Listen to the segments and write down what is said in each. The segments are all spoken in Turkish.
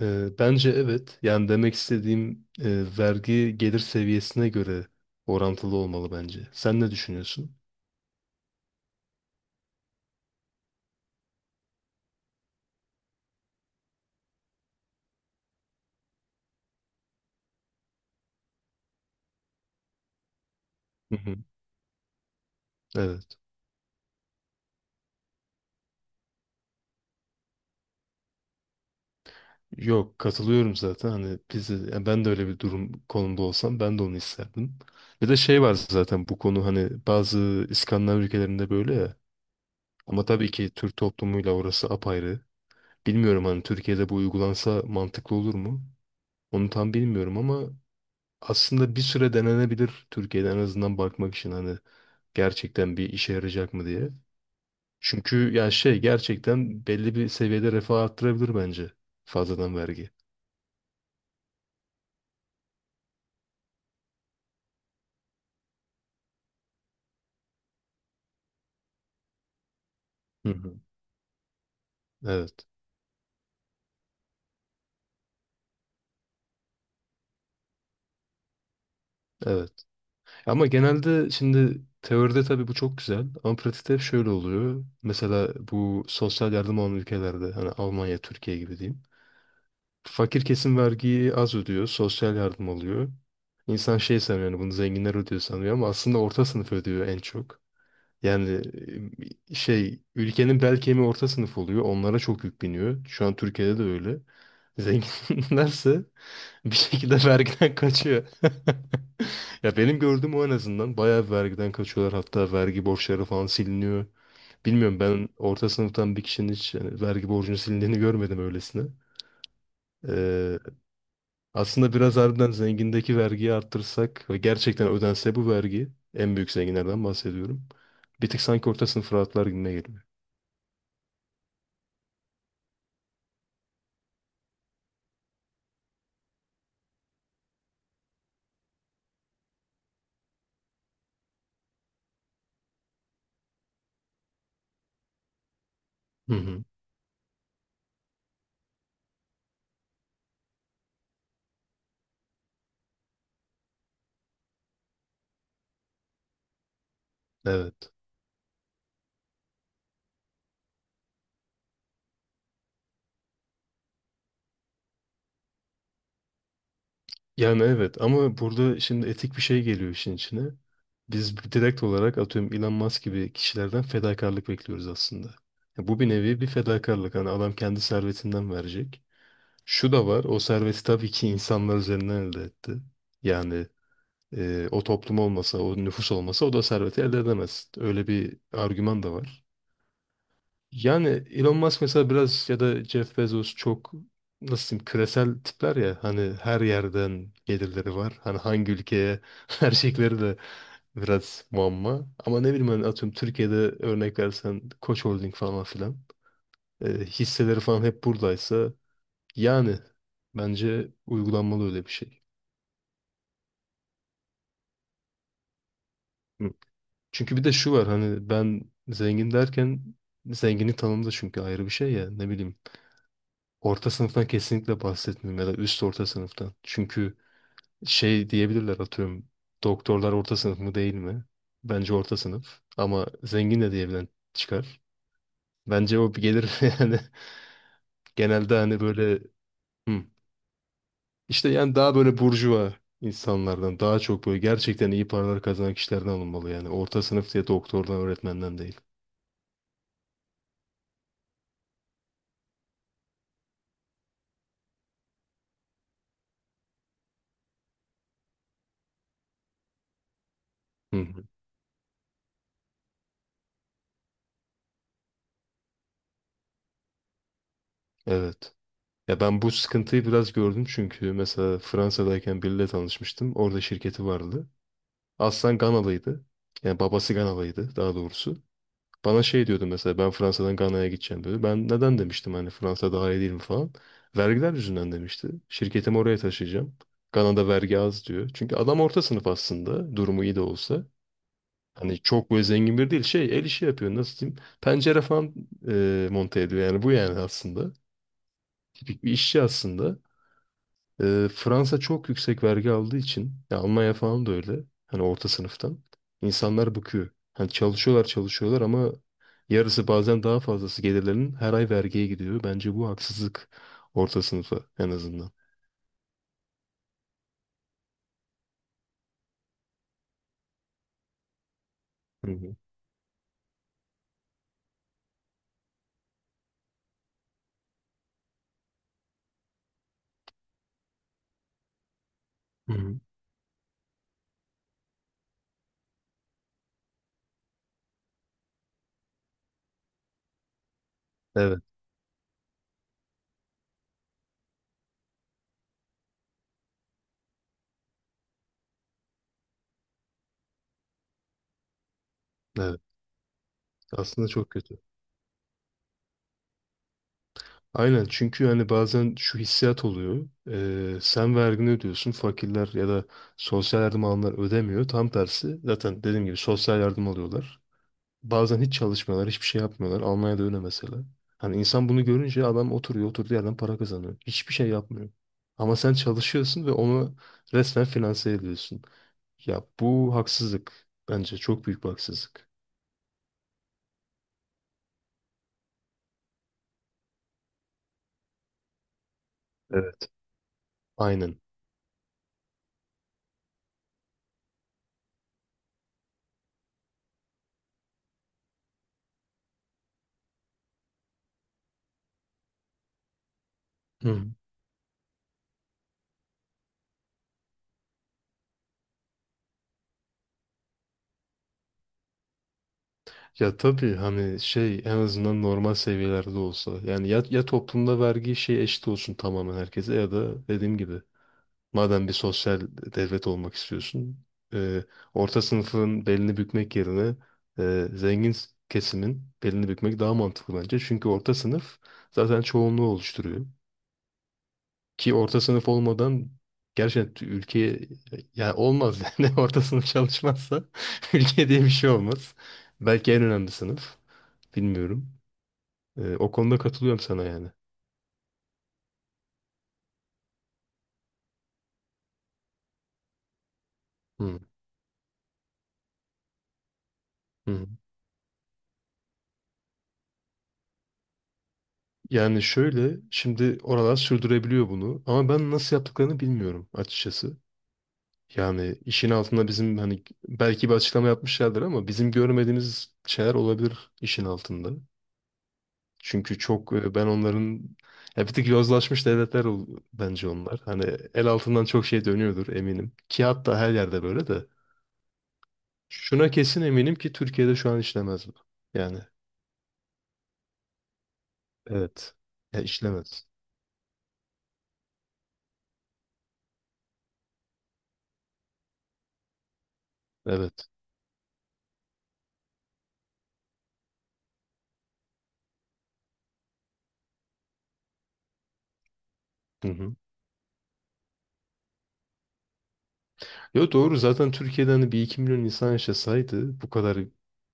Bence evet. Yani demek istediğim vergi gelir seviyesine göre orantılı olmalı bence. Sen ne düşünüyorsun? Hı hı. Evet. Yok, katılıyorum zaten. Hani yani ben de öyle bir durum konumda olsam ben de onu isterdim. Bir de şey var zaten bu konu hani bazı İskandinav ülkelerinde böyle ya. Ama tabii ki Türk toplumuyla orası apayrı. Bilmiyorum, hani Türkiye'de bu uygulansa mantıklı olur mu? Onu tam bilmiyorum ama aslında bir süre denenebilir Türkiye'de, en azından bakmak için hani gerçekten bir işe yarayacak mı diye. Çünkü ya şey gerçekten belli bir seviyede refah arttırabilir bence fazladan vergi. Hı hı. Evet. Evet. Ama genelde şimdi teoride tabii bu çok güzel ama pratikte hep şöyle oluyor. Mesela bu sosyal yardım alan ülkelerde hani Almanya, Türkiye gibi diyeyim. Fakir kesim vergiyi az ödüyor, sosyal yardım alıyor. İnsan şey sanıyor, yani bunu zenginler ödüyor sanıyor ama aslında orta sınıf ödüyor en çok. Yani şey, ülkenin bel kemiği orta sınıf oluyor. Onlara çok yük biniyor. Şu an Türkiye'de de öyle. Zenginlerse bir şekilde vergiden kaçıyor. Ya, benim gördüğüm o en azından, bayağı vergiden kaçıyorlar. Hatta vergi borçları falan siliniyor. Bilmiyorum, ben orta sınıftan bir kişinin hiç yani vergi borcunun silindiğini görmedim öylesine. Aslında biraz harbiden zengindeki vergiyi arttırsak ve gerçekten ödense bu vergi, en büyük zenginlerden bahsediyorum. Bir tık sanki orta sınıf rahatlar gibime geliyor. Hı hı. Evet. Yani evet ama burada şimdi etik bir şey geliyor işin içine. Biz direkt olarak atıyorum Elon Musk gibi kişilerden fedakarlık bekliyoruz aslında. Ya bu bir nevi bir fedakarlık. Hani adam kendi servetinden verecek. Şu da var, o serveti tabii ki insanlar üzerinden elde etti. Yani o toplum olmasa, o nüfus olmasa o da serveti elde edemez. Öyle bir argüman da var. Yani Elon Musk mesela, biraz ya da Jeff Bezos çok, nasıl diyeyim, küresel tipler ya, hani her yerden gelirleri var. Hani hangi ülkeye verecekleri de biraz muamma. Ama ne bileyim, hani atıyorum Türkiye'de örnek versen Koç Holding falan filan, hisseleri falan hep buradaysa yani bence uygulanmalı öyle bir şey. Hı. Çünkü bir de şu var, hani ben zengin derken zenginlik tanımı da çünkü ayrı bir şey ya, ne bileyim. Orta sınıftan kesinlikle bahsetmiyorum, ya da üst orta sınıftan. Çünkü şey diyebilirler, atıyorum, doktorlar orta sınıf mı değil mi? Bence orta sınıf ama zengin de diyebilen çıkar. Bence o bir gelir, yani genelde hani böyle, hı. işte yani daha böyle burjuva insanlardan daha çok, böyle gerçekten iyi paralar kazanan kişilerden alınmalı yani. Orta sınıf diye doktordan, öğretmenden değil. Hı hı. Evet. Ya ben bu sıkıntıyı biraz gördüm, çünkü mesela Fransa'dayken biriyle tanışmıştım. Orada şirketi vardı. Aslan Ganalıydı. Yani babası Ganalıydı daha doğrusu. Bana şey diyordu mesela, ben Fransa'dan Gana'ya gideceğim diyordu. Ben neden demiştim, hani Fransa daha iyi değil mi falan. Vergiler yüzünden demişti. Şirketimi oraya taşıyacağım. Gana'da vergi az diyor. Çünkü adam orta sınıf aslında, durumu iyi de olsa. Hani çok böyle zengin biri değil, şey, el işi yapıyor, nasıl diyeyim. Pencere falan monte ediyor, yani bu yani aslında. Bir işçi aslında. Fransa çok yüksek vergi aldığı için, ya Almanya falan da öyle. Hani orta sınıftan insanlar bıkıyor. Hani çalışıyorlar çalışıyorlar ama yarısı, bazen daha fazlası gelirlerinin her ay vergiye gidiyor. Bence bu haksızlık orta sınıfa, en azından. Hı hı. Hı hı. Evet, evet. Aslında çok kötü. Aynen, çünkü hani bazen şu hissiyat oluyor. Sen vergini ödüyorsun. Fakirler ya da sosyal yardım alanlar ödemiyor. Tam tersi, zaten dediğim gibi sosyal yardım alıyorlar. Bazen hiç çalışmıyorlar, hiçbir şey yapmıyorlar. Almanya'da öyle mesela. Hani insan bunu görünce, adam oturuyor, oturduğu yerden para kazanıyor. Hiçbir şey yapmıyor. Ama sen çalışıyorsun ve onu resmen finanse ediyorsun. Ya bu haksızlık. Bence çok büyük bir haksızlık. Evet. Aynen. Hı. Ya tabii, hani şey, en azından normal seviyelerde olsa. Yani ya toplumda vergi şey eşit olsun tamamen herkese, ya da dediğim gibi madem bir sosyal devlet olmak istiyorsun, e, orta sınıfın belini bükmek yerine kesimin belini bükmek daha mantıklı bence. Çünkü orta sınıf zaten çoğunluğu oluşturuyor. Ki orta sınıf olmadan gerçekten ülkeye, yani olmaz, yani orta sınıf çalışmazsa ülke diye bir şey olmaz. Belki en önemli sınıf. Bilmiyorum. O konuda katılıyorum sana yani. Hı, hı. Yani şöyle, şimdi oralar sürdürebiliyor bunu ama ben nasıl yaptıklarını bilmiyorum açıkçası. Yani işin altında bizim, hani, belki bir açıklama yapmışlardır ama bizim görmediğimiz şeyler olabilir işin altında. Çünkü çok ben onların, ya bir tık yozlaşmış devletler bence onlar. Hani el altından çok şey dönüyordur eminim. Ki hatta her yerde böyle de. Şuna kesin eminim ki Türkiye'de şu an işlemez bu. Yani evet. Ya işlemez. Evet. Hı hı. Yo, doğru, zaten Türkiye'de hani 1-2 milyon insan yaşasaydı bu kadar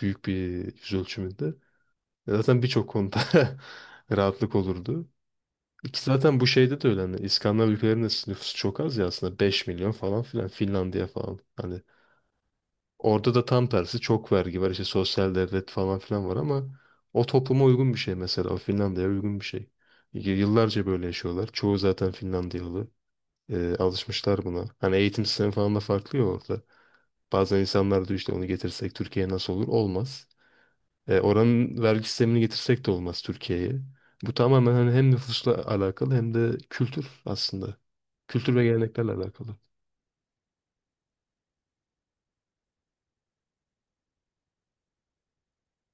büyük bir yüz ölçümünde zaten birçok konuda rahatlık olurdu. İki, zaten bu şeyde de öyle, hani İskandinav ülkelerinin de nüfusu çok az ya, aslında 5 milyon falan filan Finlandiya falan. Hani orada da tam tersi çok vergi var, işte sosyal devlet falan filan var ama o topluma uygun bir şey, mesela o Finlandiya'ya uygun bir şey. Yıllarca böyle yaşıyorlar. Çoğu zaten Finlandiyalı. Alışmışlar buna. Hani eğitim sistemi falan da farklı ya orada. Bazen insanlar diyor işte onu getirsek Türkiye'ye nasıl olur? Olmaz. Oranın vergi sistemini getirsek de olmaz Türkiye'ye. Bu tamamen hani hem nüfusla alakalı, hem de kültür aslında. Kültür ve geleneklerle alakalı.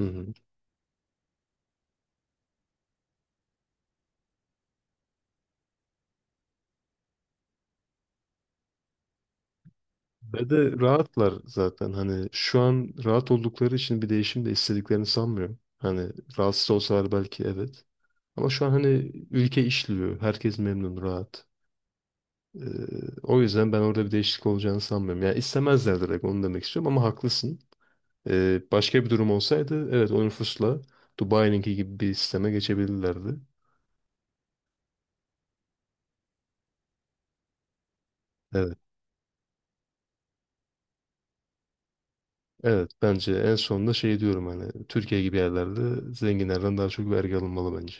Hı hı. Ve de rahatlar zaten, hani şu an rahat oldukları için bir değişim de istediklerini sanmıyorum. Hani rahatsız olsalar belki evet. Ama şu an hani ülke işliyor. Herkes memnun, rahat. Ee, O yüzden ben orada bir değişiklik olacağını sanmıyorum. Yani istemezler, direkt onu demek istiyorum ama haklısın. Başka bir durum olsaydı evet, o nüfusla Dubai'ninki gibi bir sisteme geçebilirlerdi. Evet. Evet, bence en sonunda şey diyorum, hani Türkiye gibi yerlerde zenginlerden daha çok vergi alınmalı bence.